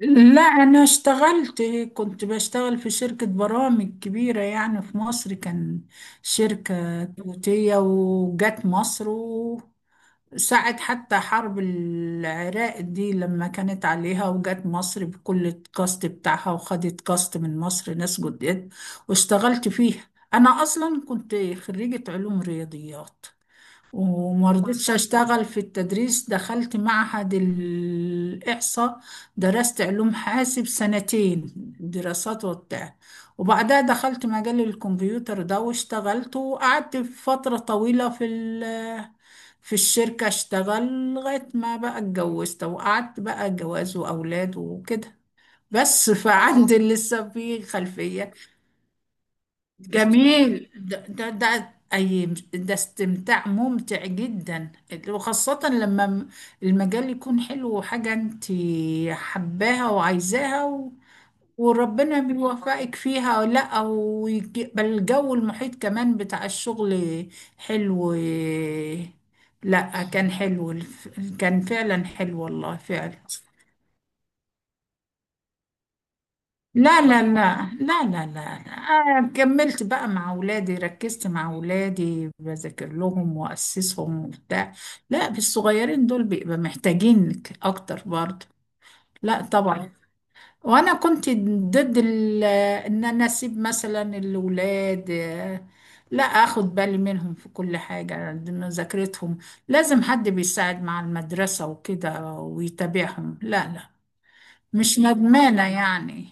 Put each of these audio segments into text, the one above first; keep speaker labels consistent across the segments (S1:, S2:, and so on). S1: لا، أنا اشتغلت. كنت بشتغل في شركة برامج كبيرة يعني، في مصر كان شركة توتية وجت مصر، وساعة حتى حرب العراق دي لما كانت عليها وجت مصر بكل الكاست بتاعها وخدت كاست من مصر ناس جداد واشتغلت فيها. أنا أصلا كنت خريجة علوم رياضيات، وما رضيتش اشتغل في التدريس. دخلت معهد الإحصاء، درست علوم حاسب سنتين دراسات وبتاع، وبعدها دخلت مجال الكمبيوتر ده واشتغلت وقعدت فترة طويلة في الشركة، اشتغل لغاية ما بقى اتجوزت وقعدت بقى جواز وأولاد وكده. بس فعندي لسه في خلفية. جميل، ده أي ده استمتاع ممتع جدا، وخاصة المجال يكون حلو وحاجة انت حباها وعايزاها و... وربنا بيوفقك فيها أو لا، أو بل الجو المحيط كمان بتاع الشغل حلو. لا، كان حلو كان فعلا حلو، والله فعلا. لا لا لا لا لا لا لا. أنا كملت بقى مع أولادي، ركزت مع أولادي، بذاكر لهم وأسسهم وبتاع. لا، بالصغيرين دول بيبقى محتاجينك أكتر برضه. لا طبعا. وأنا كنت ضد إن أنا أسيب مثلا الأولاد. آه، لا، أخد بالي منهم في كل حاجة، مذاكرتهم لازم حد بيساعد مع المدرسة وكده ويتابعهم، لا لا. مش ندمانة يعني.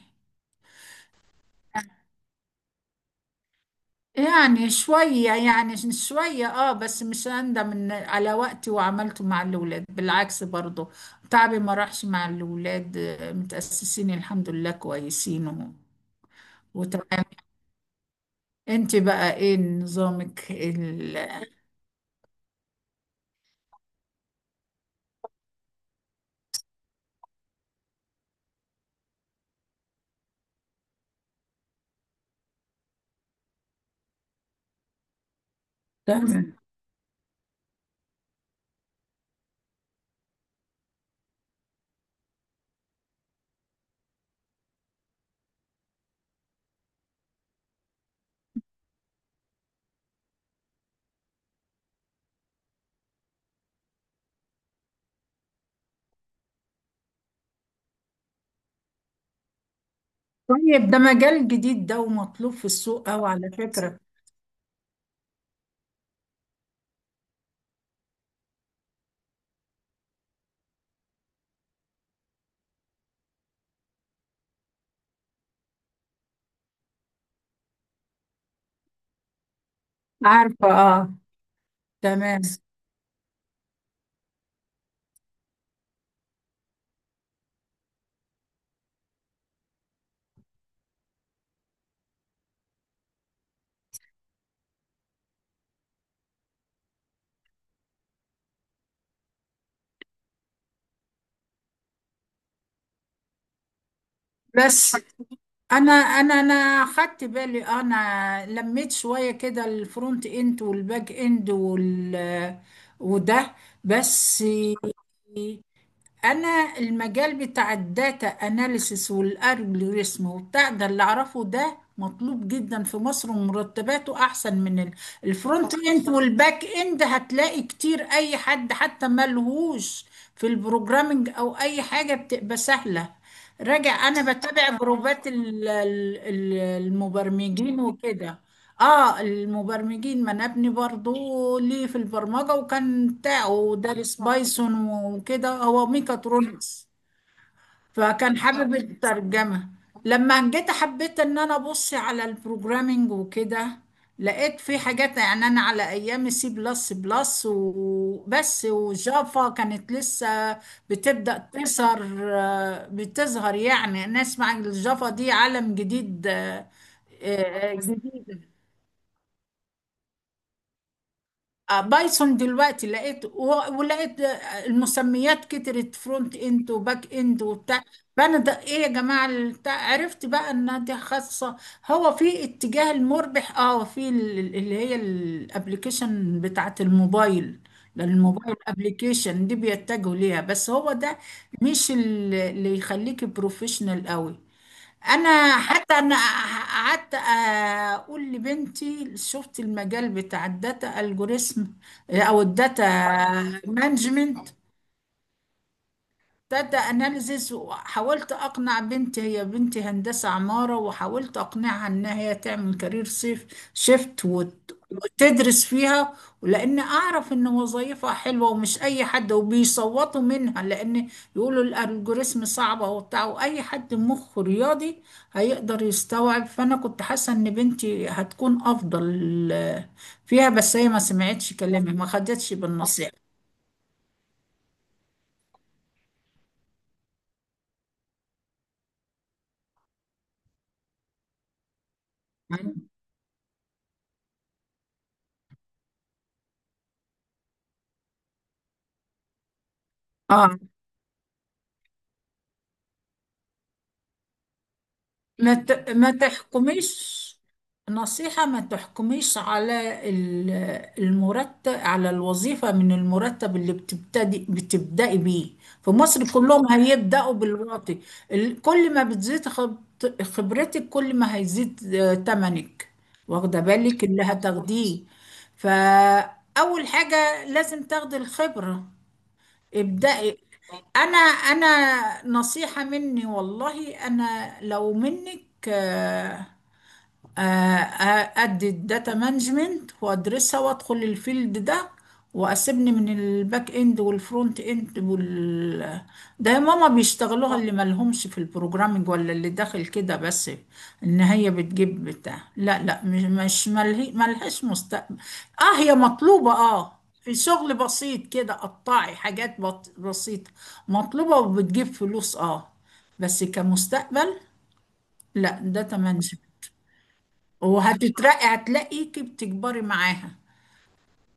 S1: يعني شوية، يعني شوية، اه، بس مش أندم إن على وقتي وعملته مع الأولاد، بالعكس برضو. تعبي ما راحش مع الأولاد، آه، متأسسين الحمد لله كويسين و... وتمام. انت بقى ايه نظامك ال...؟ تمام. طيب، ده مجال جديد ده ومطلوب في السوق أوي على فكرة. عارفة، اه. تمام. بس انا خدت بالي، آه، انا لميت شويه كده الفرونت اند والباك اند وال وده. بس انا المجال بتاع الداتا اناليسيس والالجوريثم وبتاع ده اللي اعرفه ده مطلوب جدا في مصر، ومرتباته احسن الفرونت اند والباك اند. هتلاقي كتير اي حد حتى ملهوش في البروجرامينج او اي حاجه بتبقى سهله راجع. انا بتابع جروبات المبرمجين وكده. اه المبرمجين، ما انا ابني برضو ليه في البرمجة وكان بتاعه دارس بايثون وكده، هو ميكاترونكس. فكان حابب الترجمة. لما جيت حبيت ان انا ابص على البروجرامينج وكده، لقيت في حاجات، يعني انا على ايام سي بلس بلس وبس، وجافا كانت لسه بتبدأ تظهر بتظهر يعني، نسمع الجافا دي عالم جديد. آه، آه، جديد. آه، بايثون دلوقتي لقيت ولقيت، آه، المسميات كترت، فرونت اند وباك اند وبتاع. فانا ده ايه يا جماعه البتاع، عرفت بقى انها دي خاصه هو في اتجاه المربح، اه، اللي هي الابلكيشن بتاعت الموبايل. لأن الموبايل ابلكيشن دي بيتجهوا ليها، بس هو ده مش ال- اللي يخليك بروفيشنال قوي. انا حتى انا قعدت اقول لبنتي شفت المجال بتاع الداتا الجوريزم او الداتا مانجمنت، ابتدى اناليزز وحاولت اقنع بنتي، هي بنتي هندسه عماره، وحاولت اقنعها انها هي تعمل كارير وتدرس فيها، ولان اعرف ان وظيفه حلوه ومش اي حد وبيصوتوا منها، لان يقولوا الالجوريزم صعبه وبتاع، واي حد مخه رياضي هيقدر يستوعب. فانا كنت حاسه ان بنتي هتكون افضل فيها، بس هي ما سمعتش كلامي، ما خدتش بالنصيحه. اه، ما تحكميش. نصيحة، ما تحكميش المرتب على الوظيفة من المرتب اللي بتبدأي بيه. في مصر كلهم هيبدأوا بالواطي. كل ما بتزيد خبرتك كل ما هيزيد، آه، تمنك، واخدة بالك اللي هتاخديه. فأول حاجة لازم تاخدي الخبرة. ابدأي. انا نصيحة مني، والله انا لو منك، آه، آه، آه، ادي الداتا مانجمنت وادرسها وادخل الفيلد ده، واسيبني من الباك اند والفرونت اند وال ده. يا ماما بيشتغلوها اللي مالهمش في البروجرامينج ولا اللي داخل كده بس، ان هي بتجيب بتاع، لا لا، مش مش مله- ملهاش مستقبل. اه هي مطلوبة، اه في شغل بسيط كده قطعي حاجات بسيطة، مطلوبة وبتجيب فلوس، اه. بس كمستقبل لا، داتا مانجمنت. وهتترقي، هتلاقيكي بتكبري معاها.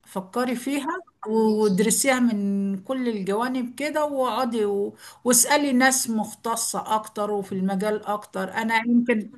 S1: فكري فيها وادرسيها من كل الجوانب كده، واسألي ناس مختصة اكتر وفي المجال اكتر انا يمكن.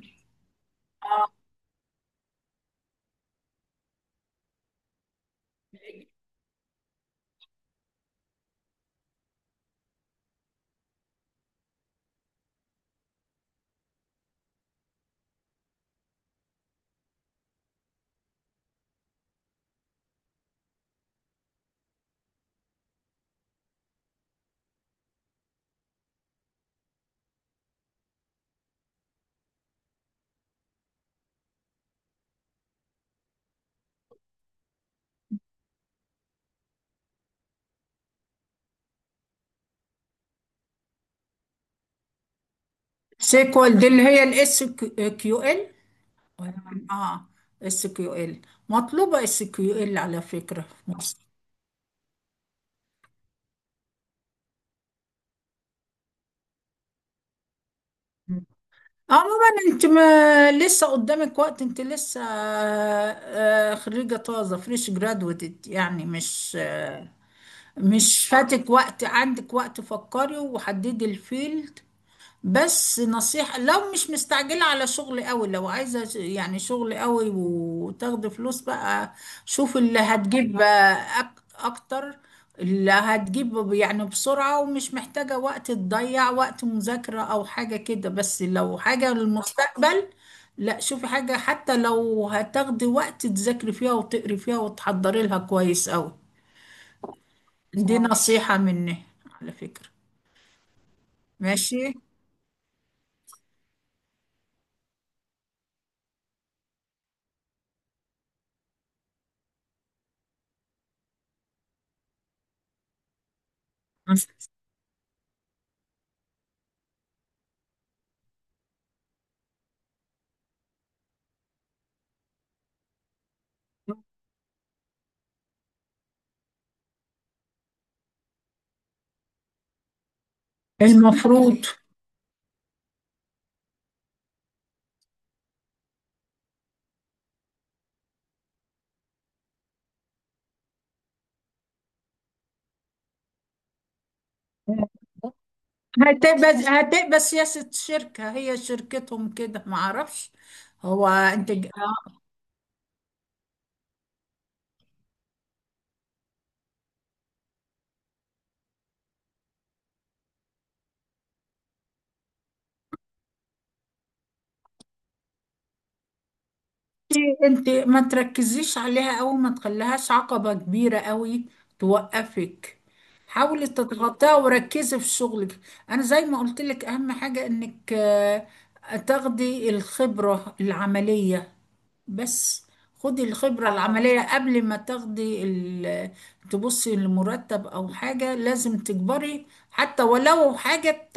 S1: سيكوال دي اللي هي الاس كيو ال. اه، اس كيو ال مطلوبة، اس كيو ال على فكرة في مصر. عموما انت ما لسه قدامك وقت، انت لسه، آه، آه، خريجة طازة، فريش جرادويتد يعني، مش، آه، مش فاتك وقت، عندك وقت، فكري وحددي الفيلد. بس نصيحة، لو مش مستعجلة على شغل قوي، لو عايزة يعني شغل قوي وتاخدي فلوس بقى، شوفي اللي هتجيب أكتر، اللي هتجيب يعني بسرعة، ومش محتاجة وقت تضيع وقت مذاكرة أو حاجة كده. بس لو حاجة للمستقبل، لا، شوفي حاجة حتى لو هتاخدي وقت تذاكري فيها وتقري فيها وتحضري لها كويس قوي. دي اه نصيحة مني على فكرة. ماشي. المفروض. هتبقى هتبقى سياسة شركة، هي شركتهم كده، ما اعرفش. هو انت، انت ما تركزيش عليها قوي، ما تخليهاش عقبة كبيرة قوي توقفك، حاولي تتغطيها وركزي في شغلك. انا زي ما قلت لك، اهم حاجة انك، آه، تاخدي الخبرة العملية. بس خدي الخبرة، اه، العملية قبل ما تاخدي تبصي لمرتب او حاجة، لازم تكبري حتى ولو حاجة.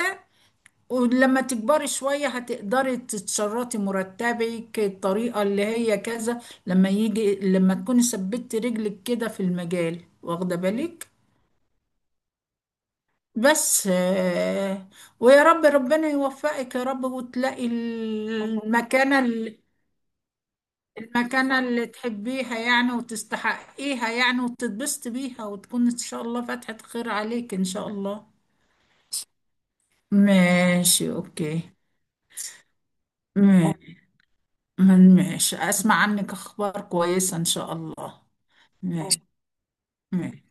S1: ولما تكبري شوية هتقدري تتشرطي مرتبك الطريقة اللي هي كذا، لما يجي لما تكوني ثبتي رجلك كده في المجال، واخدة بالك. بس، آه، ويا رب ربنا يوفقك يا رب، وتلاقي المكانة اللي تحبيها يعني وتستحقيها يعني، وتتبسطي بيها، وتكون إن شاء الله فتحة خير عليك إن شاء الله. ماشي، أوكي. ماشي. ماشي، أسمع عنك أخبار كويسة إن شاء الله. ماشي. ماشي.